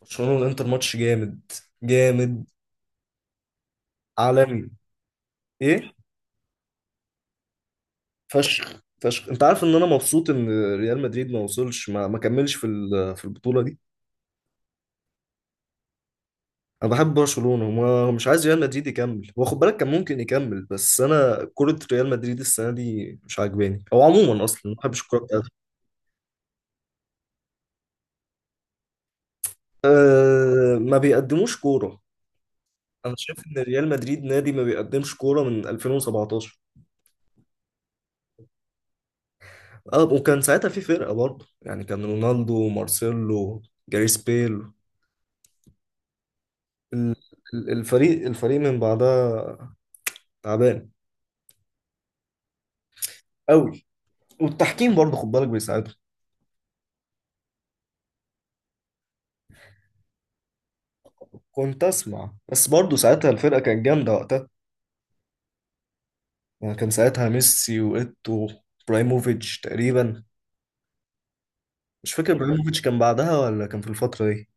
برشلونة والانتر ماتش جامد جامد. عالمي. ايه. فشخ فشخ. انت عارف ان انا مبسوط ان ريال مدريد ما وصلش، ما كملش في في البطولة دي. انا بحب برشلونة وما مش عايز ريال مدريد يكمل، هو خد بالك كان ممكن يكمل. بس انا كرة ريال مدريد السنة دي مش عاجباني، او عموما اصلا ما بحبش الكورة بتاعتهم. أه ما بيقدموش كورة. انا شايف ان ريال مدريد نادي ما بيقدمش كورة من 2017. اه وكان ساعتها في فرقة برضه، يعني كان رونالدو ومارسيلو، جاريث بيل. ال- الفريق من بعدها تعبان قوي. والتحكيم برضه خد بالك بيساعدهم. كنت اسمع بس برضه ساعتها الفرقه كانت جامده وقتها، يعني كان ساعتها ميسي وايتو، برايموفيتش تقريبا. مش فاكر برايموفيتش كان بعدها ولا كان في الفتره دي.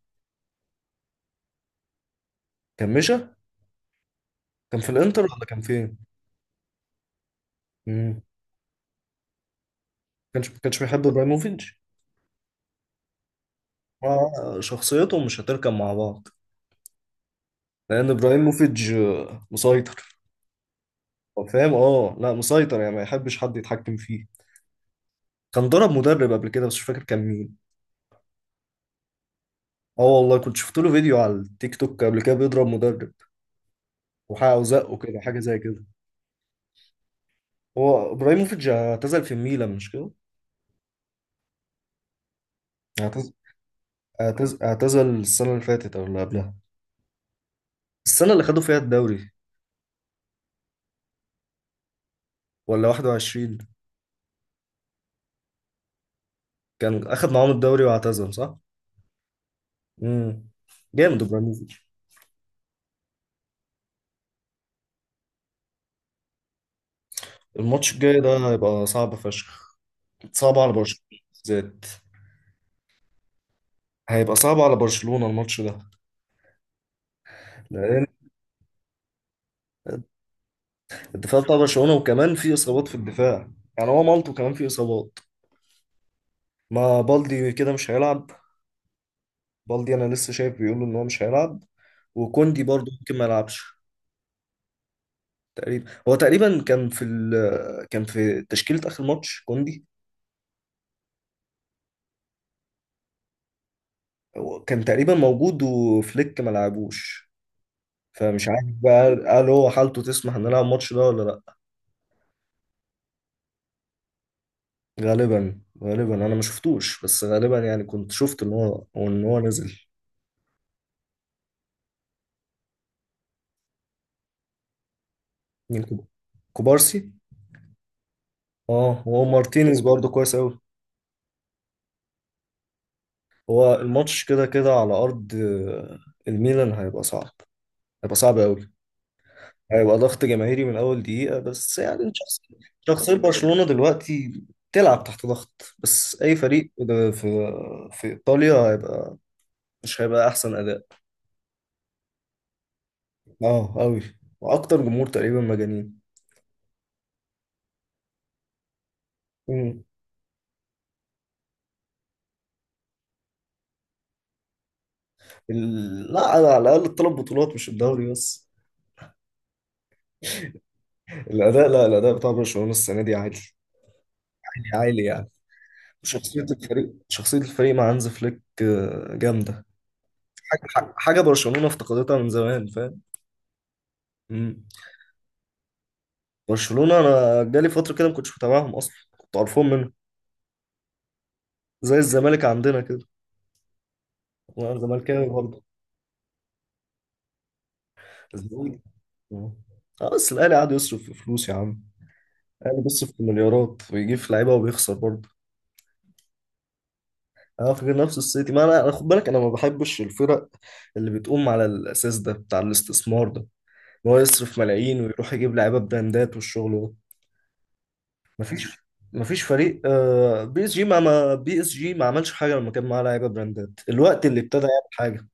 كان مشى. كان في الانتر ولا كان فين؟ امم. كانش بيحب برايموفيتش. شخصيتهم مش هتركب مع بعض، لان ابراهيموفيتش مسيطر. هو فاهم، اه لا مسيطر يعني ما يحبش حد يتحكم فيه. كان ضرب مدرب قبل كده بس مش فاكر كان مين. اه والله كنت شفت له فيديو على التيك توك قبل كده بيضرب مدرب وحقه وزقه كده، حاجه زي كده. هو ابراهيموفيتش اعتزل في الميلان مش كده؟ اعتزل. اعتزل السنه اللي فاتت او اللي قبلها، السنه اللي خدوا فيها الدوري. ولا 21. كان اخد معاهم الدوري واعتزل صح. امم. جامد ابراهيموفيتش. الماتش الجاي ده هيبقى صعب فشخ، صعب على برشلونه. بالذات. هيبقى صعب على برشلونه الماتش ده، لان الدفاع بتاع برشلونة، وكمان في إصابات في الدفاع، يعني هو مالطو كمان في إصابات. ما بالدي كده مش هيلعب، بالدي أنا لسه شايف بيقولوا إن هو مش هيلعب، وكوندي برضه ممكن ما يلعبش. تقريبا هو تقريبا كان في كان في تشكيلة آخر ماتش كوندي. هو كان تقريبا موجود وفليك ما لعبوش، فمش عارف بقى، قال هو حالته تسمح ان نلعب الماتش ده ولا لا. غالبا غالبا انا ما شفتوش، بس غالبا يعني كنت شفت ان هو نزل. مين كوب- كوبارسي. اه هو مارتينيز برضه كويس قوي. هو الماتش كده كده على ارض الميلان هيبقى صعب، هيبقى صعب قوي. هيبقى ضغط جماهيري من اول دقيقة، بس يعني شخص، شخصية برشلونة دلوقتي بتلعب تحت ضغط. بس اي فريق ده في في ايطاليا هيبقى، مش هيبقى احسن اداء. اه قوي. واكتر جمهور تقريبا مجانين. مم. لا على على الاقل الثلاث بطولات مش الدوري بس. الاداء، لا الاداء بتاع برشلونة السنة دي عالي، عالي عالي يعني. شخصية الفريق، شخصية الفريق مع هانز فليك جامدة. حاجة، حاجة برشلونة افتقدتها من زمان فاهم. مم. برشلونة أنا جالي فترة كده ما كنتش متابعهم أصلا، كنت قرفان منهم. زي الزمالك عندنا كده، وأنا زملكاوي برضه. الزمالك. آه. بس الأهلي قعد يصرف في فلوس يا عم. الأهلي بيصرف في مليارات ويجيب في لعيبة وبيخسر برضه. أنا فاكر نفس السيتي. ما أنا، خد بالك أنا ما بحبش الفرق اللي بتقوم على الأساس ده بتاع الاستثمار ده، إن هو يصرف ملايين ويروح يجيب لعيبة براندات والشغل ده. مفيش، مفيش فريق بي اس جي بي اس جي ما عملش حاجه لما كان معاه لعيبه براندات. الوقت اللي ابتدى يعمل حاجه،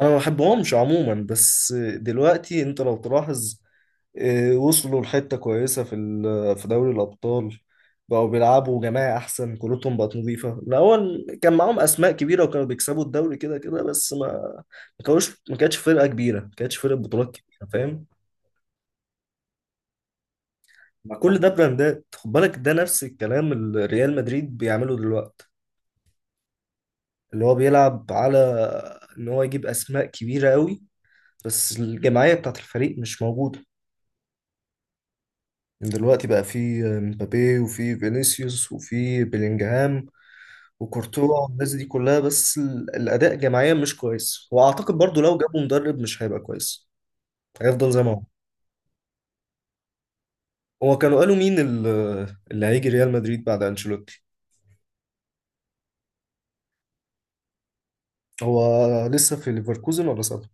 انا ما بحبهمش عموما، بس دلوقتي انت لو تلاحظ وصلوا لحته كويسه في في دوري الابطال. بقوا بيلعبوا جماعي، احسن كورتهم بقت نظيفه. الاول كان معاهم اسماء كبيره وكانوا بيكسبوا الدوري كده كده، بس ما كانوش ما كانتش فرقه كبيره، ما كانتش فرقه بطولات كبيره فاهم. مع كل ده براندات، خد بالك ده نفس الكلام اللي ريال مدريد بيعمله دلوقتي، اللي هو بيلعب على ان هو يجيب اسماء كبيره قوي، بس الجماعيه بتاعت الفريق مش موجوده. من دلوقتي بقى في مبابي، وفي فينيسيوس، وفي بيلينجهام، وكورتوا، والناس دي كلها. بس الاداء جماعيا مش كويس، واعتقد برضو لو جابوا مدرب مش هيبقى كويس، هيفضل زي ما هو. هو كانوا قالوا مين اللي هيجي ريال مدريد بعد انشيلوتي؟ هو لسه في ليفركوزن ولا صدر؟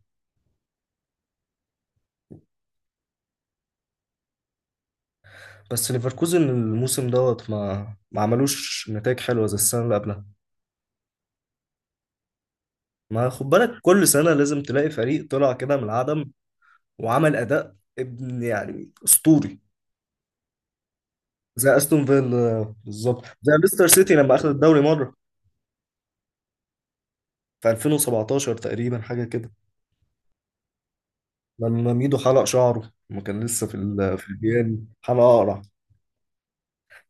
بس ليفركوزن الموسم دوت ما عملوش نتائج حلوه زي السنه اللي قبلها. ما خد بالك كل سنة لازم تلاقي فريق طلع كده من العدم وعمل أداء ابن يعني أسطوري. زي أستون فيلا بالظبط، زي ليستر سيتي لما أخذ الدوري مرة في 2017 تقريبا، حاجة كده، لما ميدو حلق شعره لما كان لسه في في الجيان، حلقة أقرع.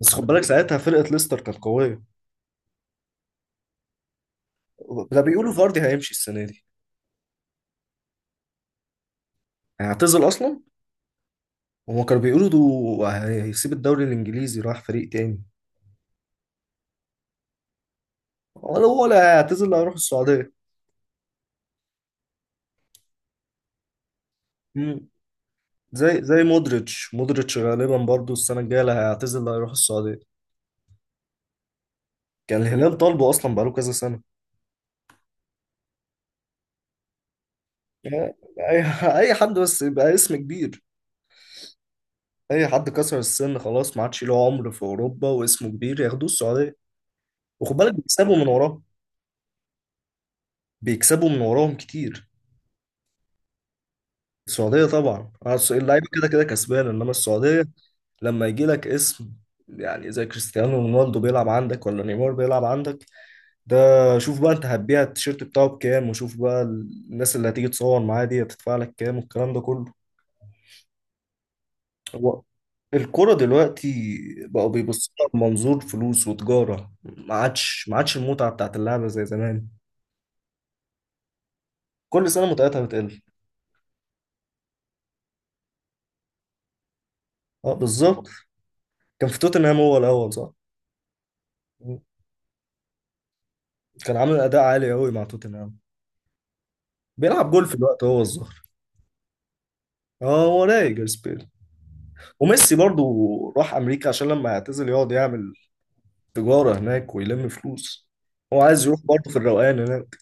بس خد بالك ساعتها فرقة ليستر كانت قوية. ده بيقولوا فاردي هيمشي السنة دي، هيعتزل أصلا. هما كانوا بيقولوا ده هيسيب الدوري الإنجليزي، راح فريق تاني، ولا هيعتزل، هيروح السعودية. زي مودريتش، مودريتش غالبا برضو السنة الجاية اللي هيعتزل، اللي هيروح السعودية. كان الهلال طالبه أصلا بقاله كذا سنة. يعني أي أي حد بس يبقى اسم كبير، أي حد كسر السن خلاص ما عادش له عمر في أوروبا واسمه كبير، ياخدوه السعودية، وخد بالك بيكسبوا من وراهم. بيكسبوا من وراهم كتير. السعودية طبعا، عارف اللعيبة كده كده كسبانة، إنما السعودية لما يجي لك اسم، يعني زي كريستيانو رونالدو بيلعب عندك، ولا نيمار بيلعب عندك، ده شوف بقى انت هتبيع التيشيرت بتاعه بكام، وشوف بقى الناس اللي هتيجي تصور معاه دي هتدفع لك كام، والكلام ده كله. هو الكرة دلوقتي بقوا بيبصوا لها بمنظور فلوس وتجارة. ما عادش المتعة بتاعت اللعبة زي زمان. كل سنة متعتها بتقل. اه بالظبط. كان في توتنهام هو الأول صح. كان عامل أداء عالي قوي مع توتنهام، بيلعب جول في الوقت هو الظهر. اه هو رايق جاريث بيل، وميسي برضو راح أمريكا عشان لما يعتزل يقعد يعمل تجارة هناك ويلم فلوس. هو عايز يروح برضه في الروقان هناك.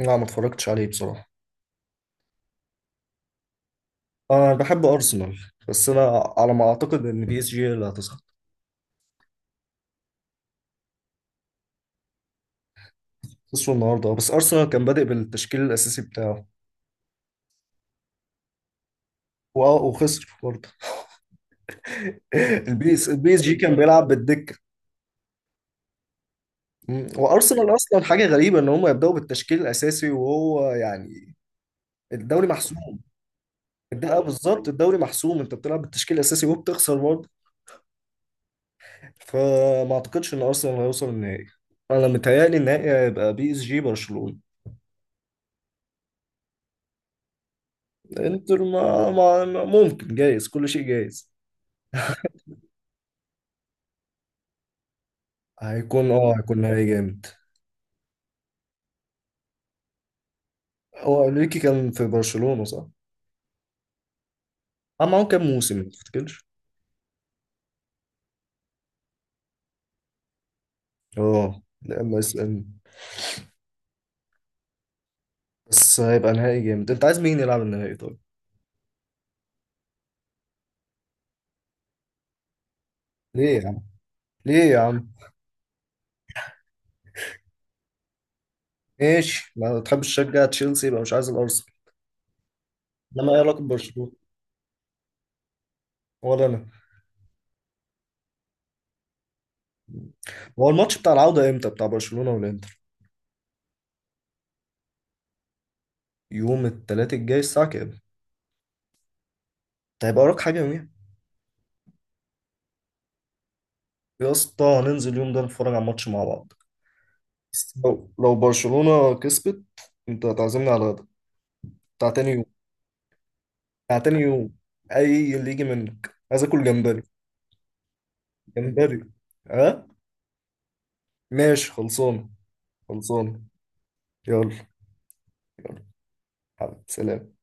لا ما اتفرجتش عليه بصراحة. أنا بحب أرسنال، بس أنا على ما أعتقد إن بي إس جي هي اللي هتصعد. خسروا النهاردة بس أرسنال كان بادئ بالتشكيل الأساسي بتاعه، وخسر برضه. البي إس جي كان بيلعب بالدكة. مم. وأرسنال أصلا حاجة غريبة إن هم يبدأوا بالتشكيل الأساسي وهو يعني الدوري محسوم. ده بالظبط، الدوري محسوم، أنت بتلعب بالتشكيل الأساسي وبتخسر. فما اعتقدش ان ارسنال هيوصل النهائي. انا متهيألي النهائي هيبقى بي اس جي برشلونة. انتر ممكن جايز، كل شيء جايز. هيكون نهائي جامد. هو انريكي كان في برشلونة صح؟ عمل معاهم كام موسم ما تفتكرش؟ اه لما اس ان. بس هيبقى نهائي جامد. انت عايز مين يلعب النهائي طيب؟ ليه يا عم؟ ليه يا عم؟ ماشي، ما تحبش تشجع تشيلسي يبقى مش عايز الارسنال، انما ايه علاقة برشلونة؟ ولا انا. هو الماتش بتاع العودة امتى بتاع برشلونة والانتر؟ يوم التلات الجاي الساعة كام؟ انت هيبقى وراك حاجة يوميها؟ يا اسطى هننزل اليوم ده نتفرج على ماتش مع بعض. بس لو لو برشلونة كسبت انت هتعزمني على غدا بتاع تاني يوم، بتاع تاني يوم، اي اللي يجي منك، عايز اكل جمبري. جمبري. ها؟ ماشي، خلصانة خلصانة. يلا يلا. حبيبي سلام.